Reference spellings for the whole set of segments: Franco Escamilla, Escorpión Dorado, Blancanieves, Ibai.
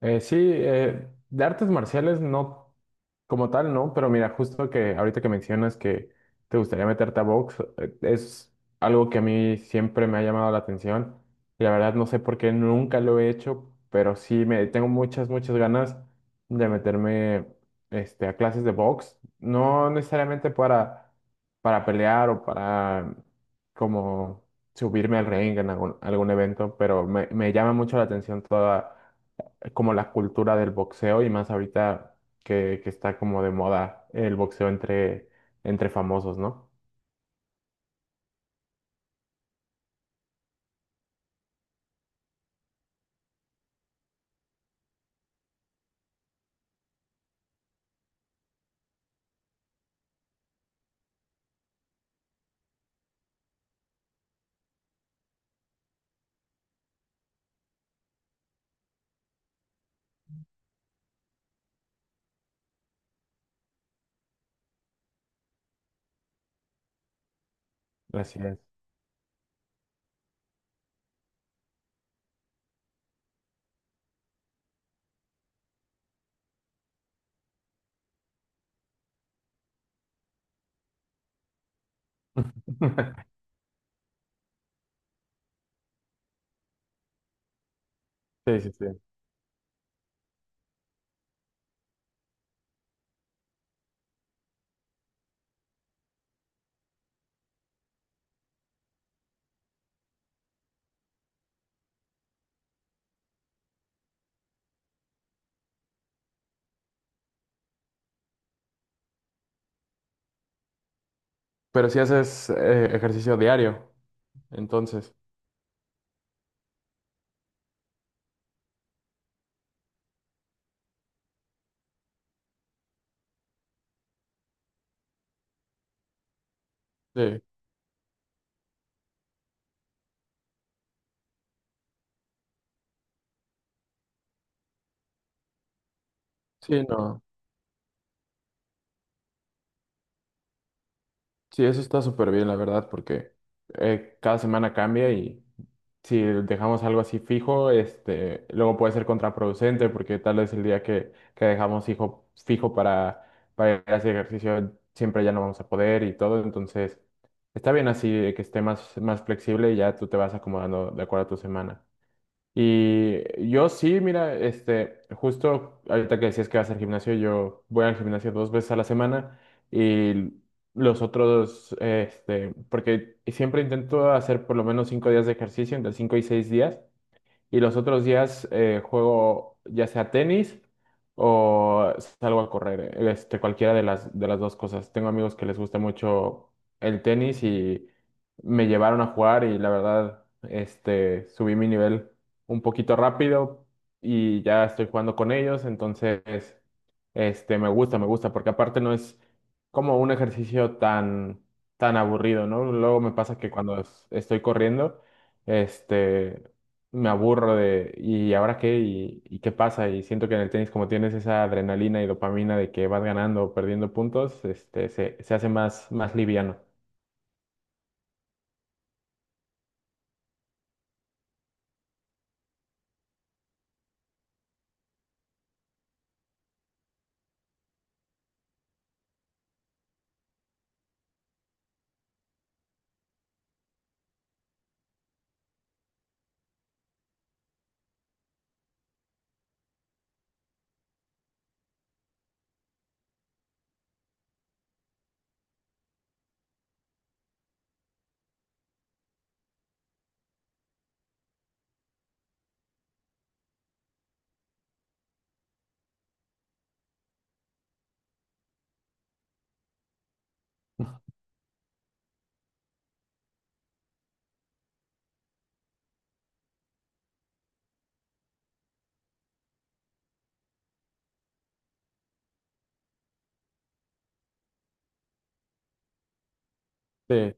Sí, de artes marciales no como tal, no, pero mira, justo que ahorita que mencionas que te gustaría meterte a box, es algo que a mí siempre me ha llamado la atención. Y la verdad no sé por qué nunca lo he hecho, pero sí me tengo muchas, muchas ganas de meterme a clases de box. No necesariamente para, pelear o para como subirme al ring en algún evento, pero me llama mucho la atención toda como la cultura del boxeo y más ahorita que está como de moda el boxeo entre famosos, ¿no? Así es. Sí, sí, sí. Pero si haces ejercicio diario, entonces. Sí, sí, no. Sí, eso está súper bien, la verdad, porque cada semana cambia y, si dejamos algo así fijo, luego puede ser contraproducente porque tal vez el día que dejamos fijo para, ir a hacer ejercicio siempre ya no vamos a poder y todo. Entonces, está bien así de que esté más, más flexible y ya tú te vas acomodando de acuerdo a tu semana. Y yo sí, mira, justo ahorita que decías que vas al gimnasio, yo voy al gimnasio 2 veces a la semana y los otros, porque siempre intento hacer por lo menos 5 días de ejercicio, entre 5 y 6 días, y los otros días juego ya sea tenis o salgo a correr, cualquiera de las, dos cosas. Tengo amigos que les gusta mucho el tenis y me llevaron a jugar y la verdad, subí mi nivel un poquito rápido y ya estoy jugando con ellos, entonces, me gusta, porque aparte no es como un ejercicio tan, tan aburrido, ¿no? Luego me pasa que cuando estoy corriendo, este, me aburro de, ¿y ahora qué? ¿Y qué pasa? Y siento que en el tenis, como tienes esa adrenalina y dopamina de que vas ganando o perdiendo puntos, se hace más, más liviano. Sí,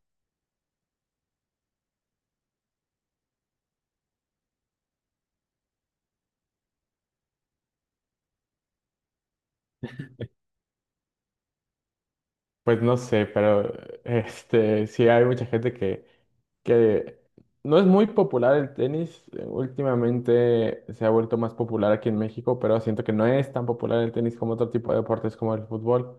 pues no sé, pero sí hay mucha gente que no es muy popular el tenis. Últimamente se ha vuelto más popular aquí en México, pero siento que no es tan popular el tenis como otro tipo de deportes como el fútbol.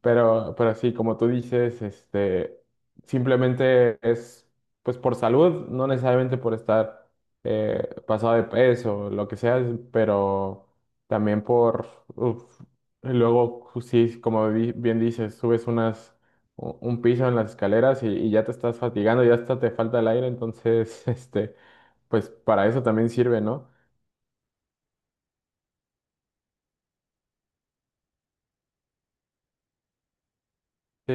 Pero sí, como tú dices, simplemente es pues por salud, no necesariamente por estar pasado de peso, lo que sea, pero también por, uf, y luego sí, como bien dices, subes un piso en las escaleras y ya te estás fatigando, ya hasta te falta el aire, entonces, pues para eso también sirve, ¿no? Sí,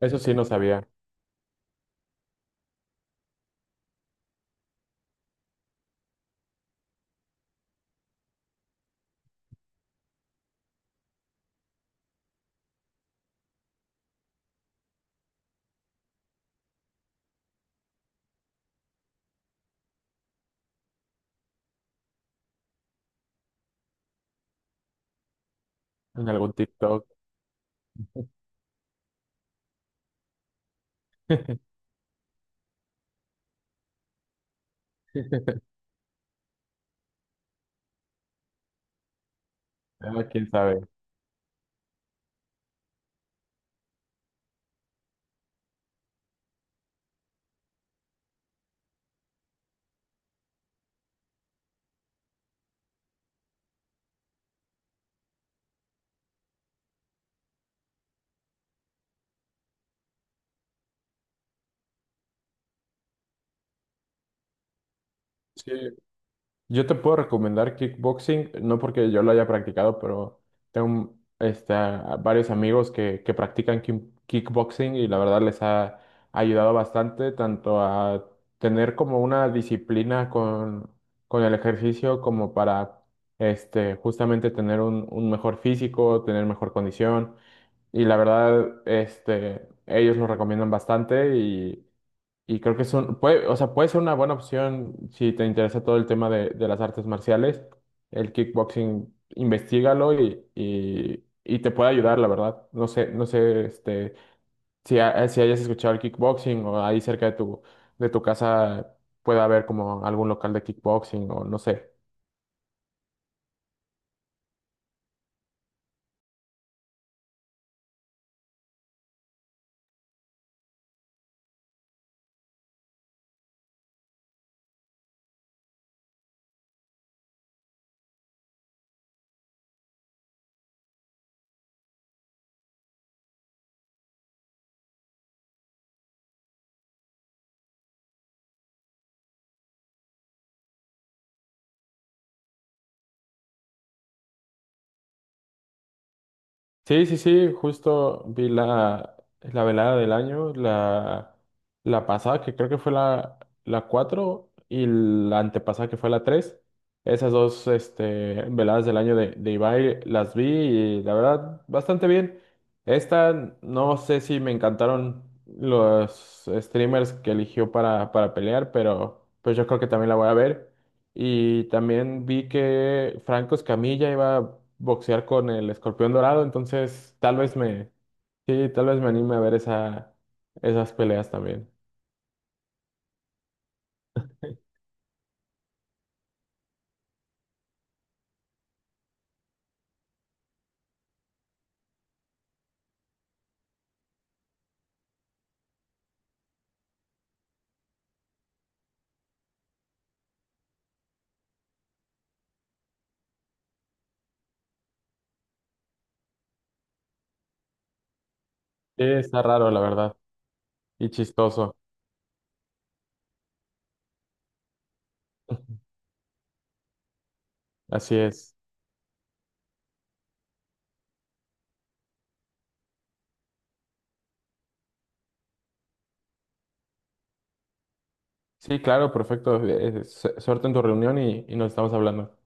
eso sí no sabía en algún TikTok. Ah, quién sabe. Sí, yo te puedo recomendar kickboxing, no porque yo lo haya practicado, pero tengo a varios amigos que practican kickboxing y la verdad les ha ayudado bastante tanto a tener como una disciplina con el ejercicio como para justamente tener un mejor físico, tener mejor condición y la verdad ellos lo recomiendan bastante y creo que es puede, o sea, puede ser una buena opción si te interesa todo el tema de las artes marciales. El kickboxing, investígalo y te puede ayudar, la verdad. Si hayas escuchado el kickboxing o ahí cerca de tu, casa pueda haber como algún local de kickboxing o no sé. Sí, sí, sí, justo vi la, velada del año, la, pasada que creo que fue la, 4 y la antepasada que fue la tres. Esas dos veladas del año de Ibai las vi y la verdad bastante bien. Esta no sé si me encantaron los streamers que eligió para, pelear, pero pues yo creo que también la voy a ver. Y también vi que Franco Escamilla iba a boxear con el Escorpión Dorado, entonces sí, tal vez me anime a ver esas peleas también. Sí, está raro, la verdad, y chistoso. Así es. Sí, claro, perfecto. Suerte en tu reunión y nos estamos hablando.